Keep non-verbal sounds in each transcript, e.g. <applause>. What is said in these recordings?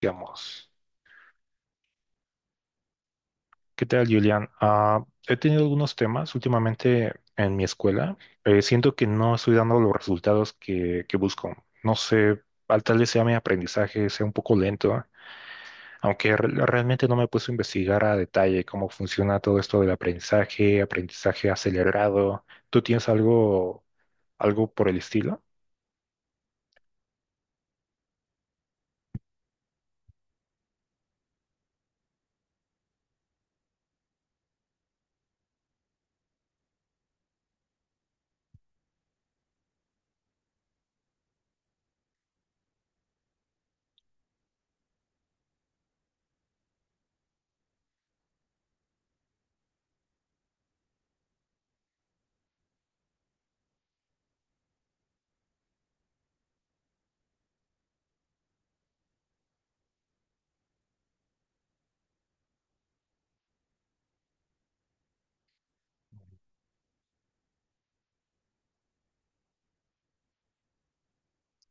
Digamos, ¿qué tal, Julián? He tenido algunos temas últimamente en mi escuela. Siento que no estoy dando los resultados que busco. No sé, al tal vez sea mi aprendizaje, sea un poco lento, aunque realmente no me he puesto a investigar a detalle cómo funciona todo esto del aprendizaje, aprendizaje acelerado. ¿Tú tienes algo, algo por el estilo?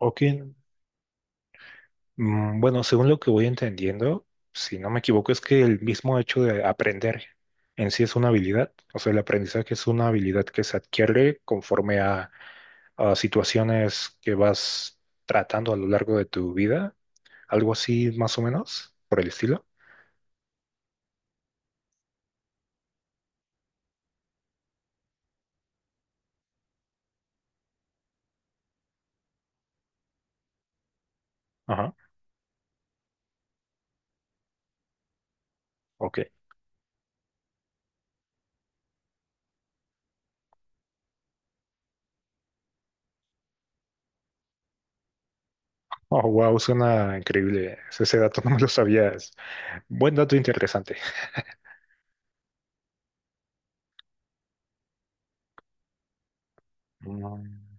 Ok. Bueno, según lo que voy entendiendo, si no me equivoco, es que el mismo hecho de aprender en sí es una habilidad. O sea, el aprendizaje es una habilidad que se adquiere conforme a situaciones que vas tratando a lo largo de tu vida. Algo así, más o menos, por el estilo. Ajá, ok. Oh, wow, suena increíble. Ese dato <laughs> no me lo sabías. Buen dato interesante. Mm.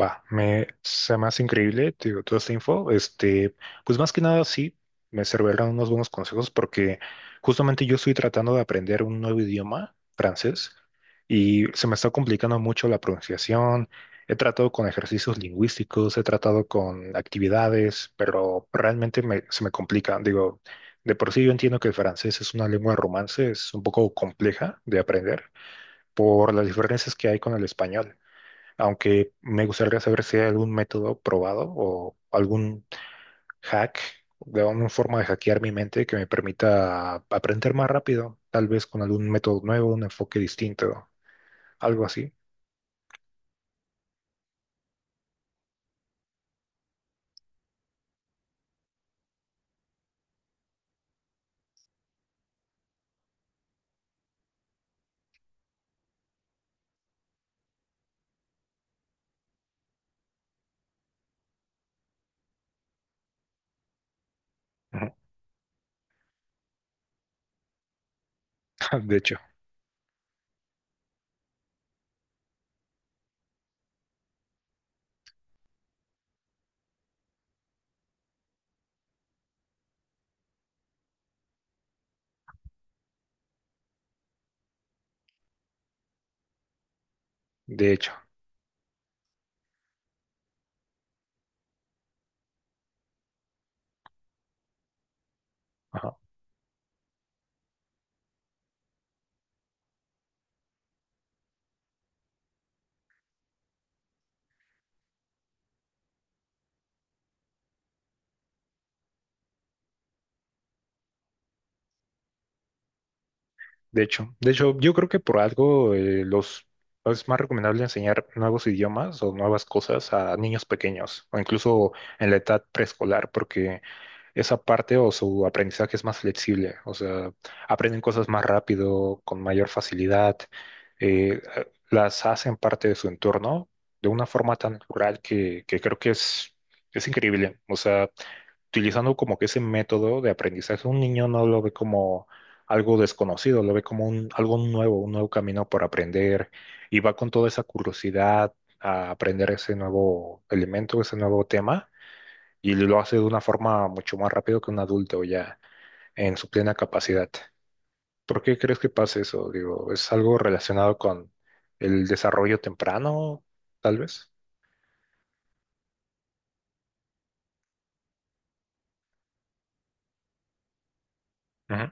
Va, me se me hace increíble, te digo, toda esta info. Este, pues más que nada sí, me servirán unos buenos consejos porque justamente yo estoy tratando de aprender un nuevo idioma, francés, y se me está complicando mucho la pronunciación. He tratado con ejercicios lingüísticos, he tratado con actividades, pero realmente se me complica. Digo, de por sí yo entiendo que el francés es una lengua romance, es un poco compleja de aprender por las diferencias que hay con el español, aunque me gustaría saber si hay algún método probado o algún hack, de alguna forma de hackear mi mente que me permita aprender más rápido, tal vez con algún método nuevo, un enfoque distinto, algo así. Ujú. <laughs> De hecho, de hecho, ajá, de hecho, de hecho, yo creo que por algo los es más recomendable enseñar nuevos idiomas o nuevas cosas a niños pequeños o incluso en la edad preescolar, porque esa parte o su aprendizaje es más flexible, o sea, aprenden cosas más rápido, con mayor facilidad, las hacen parte de su entorno de una forma tan natural que creo que es increíble, o sea, utilizando como que ese método de aprendizaje, un niño no lo ve como algo desconocido, lo ve como algo nuevo, un nuevo camino por aprender y va con toda esa curiosidad a aprender ese nuevo elemento, ese nuevo tema y lo hace de una forma mucho más rápido que un adulto ya en su plena capacidad. ¿Por qué crees que pasa eso? Digo, ¿es algo relacionado con el desarrollo temprano, tal vez? Ujú,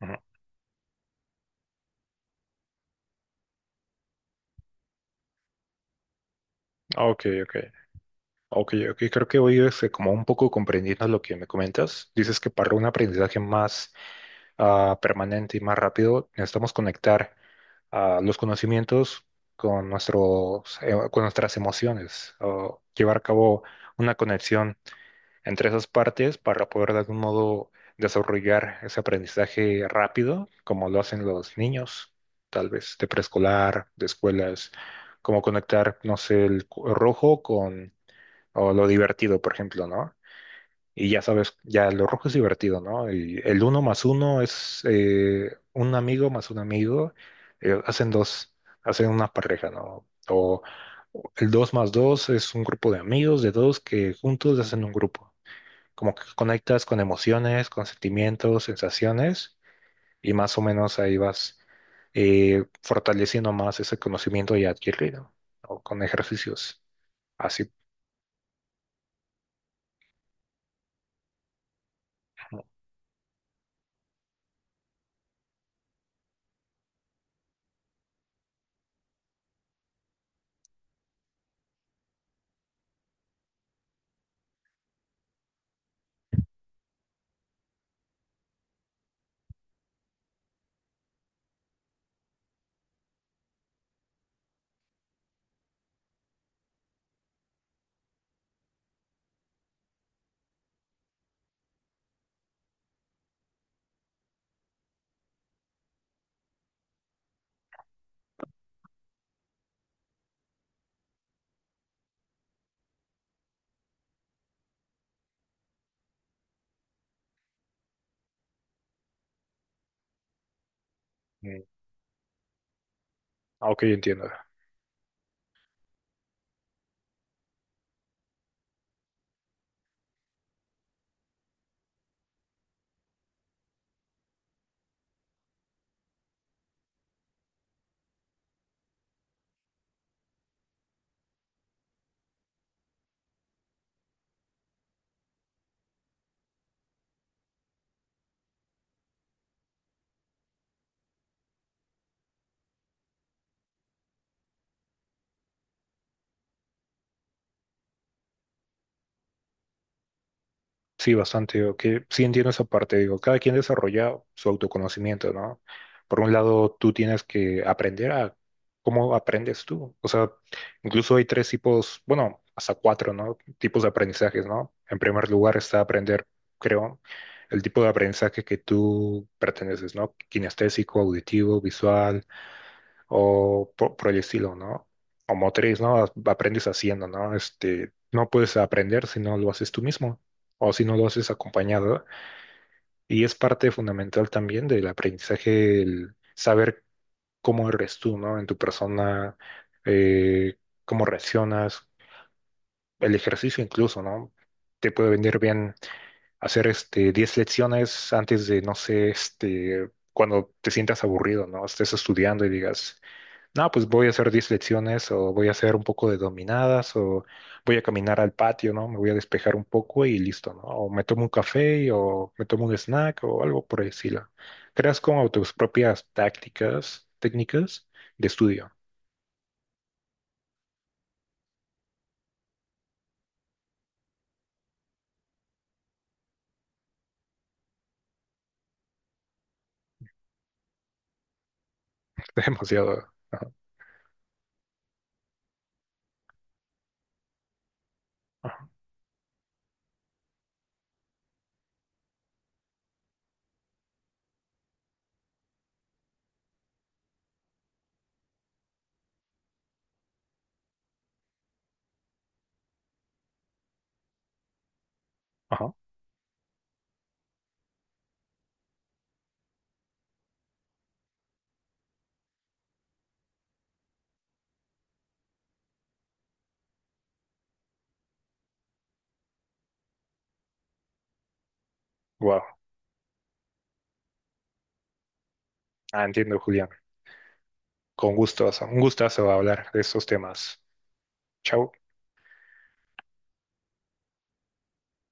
ujú. Ok, ok. Ok, ok. Creo que hoy es como un poco comprendiendo lo que me comentas. Dices que para un aprendizaje más permanente y más rápido, necesitamos conectar los conocimientos con con nuestras emociones, o llevar a cabo una conexión entre esas partes para poder de algún modo desarrollar ese aprendizaje rápido, como lo hacen los niños, tal vez de preescolar, de escuelas, como conectar, no sé, el rojo con o lo divertido, por ejemplo, ¿no? Y ya sabes, ya lo rojo es divertido, ¿no? Y el uno más uno es un amigo más un amigo, hacen dos, hacen una pareja, ¿no? O el dos más dos es un grupo de amigos de dos que juntos hacen un grupo, como que conectas con emociones, con sentimientos, sensaciones, y más o menos ahí vas fortaleciendo más ese conocimiento ya adquirido, o con ejercicios así. Mm, Ok, entiendo. Sí, bastante, digo, que sí entiendo esa parte, digo, cada quien desarrolla su autoconocimiento, ¿no? Por un lado, tú tienes que aprender a cómo aprendes tú, o sea, incluso hay tres tipos, bueno, hasta cuatro, ¿no? Tipos de aprendizajes, ¿no? En primer lugar está aprender, creo, el tipo de aprendizaje que tú perteneces, ¿no? Kinestésico, auditivo, visual, o por el estilo, ¿no? O motriz, ¿no? Aprendes haciendo, ¿no? Este, no puedes aprender si no lo haces tú mismo o si no lo haces acompañado. Y es parte fundamental también del aprendizaje, el saber cómo eres tú, ¿no? En tu persona, eh, cómo reaccionas, el ejercicio incluso, ¿no? Te puede venir bien hacer este 10 lecciones antes de, no sé, este, cuando te sientas aburrido, ¿no? Estés estudiando y digas, no, pues voy a hacer 10 flexiones o voy a hacer un poco de dominadas o voy a caminar al patio, ¿no? Me voy a despejar un poco y listo, ¿no? O me tomo un café o me tomo un snack o algo por el estilo. Creas como tus propias tácticas, técnicas de estudio. <laughs> Demasiado. Ajá, ajá, ajá. Wow. Ah, entiendo, Julián. Con gusto, un gustazo hablar de estos temas. Chao.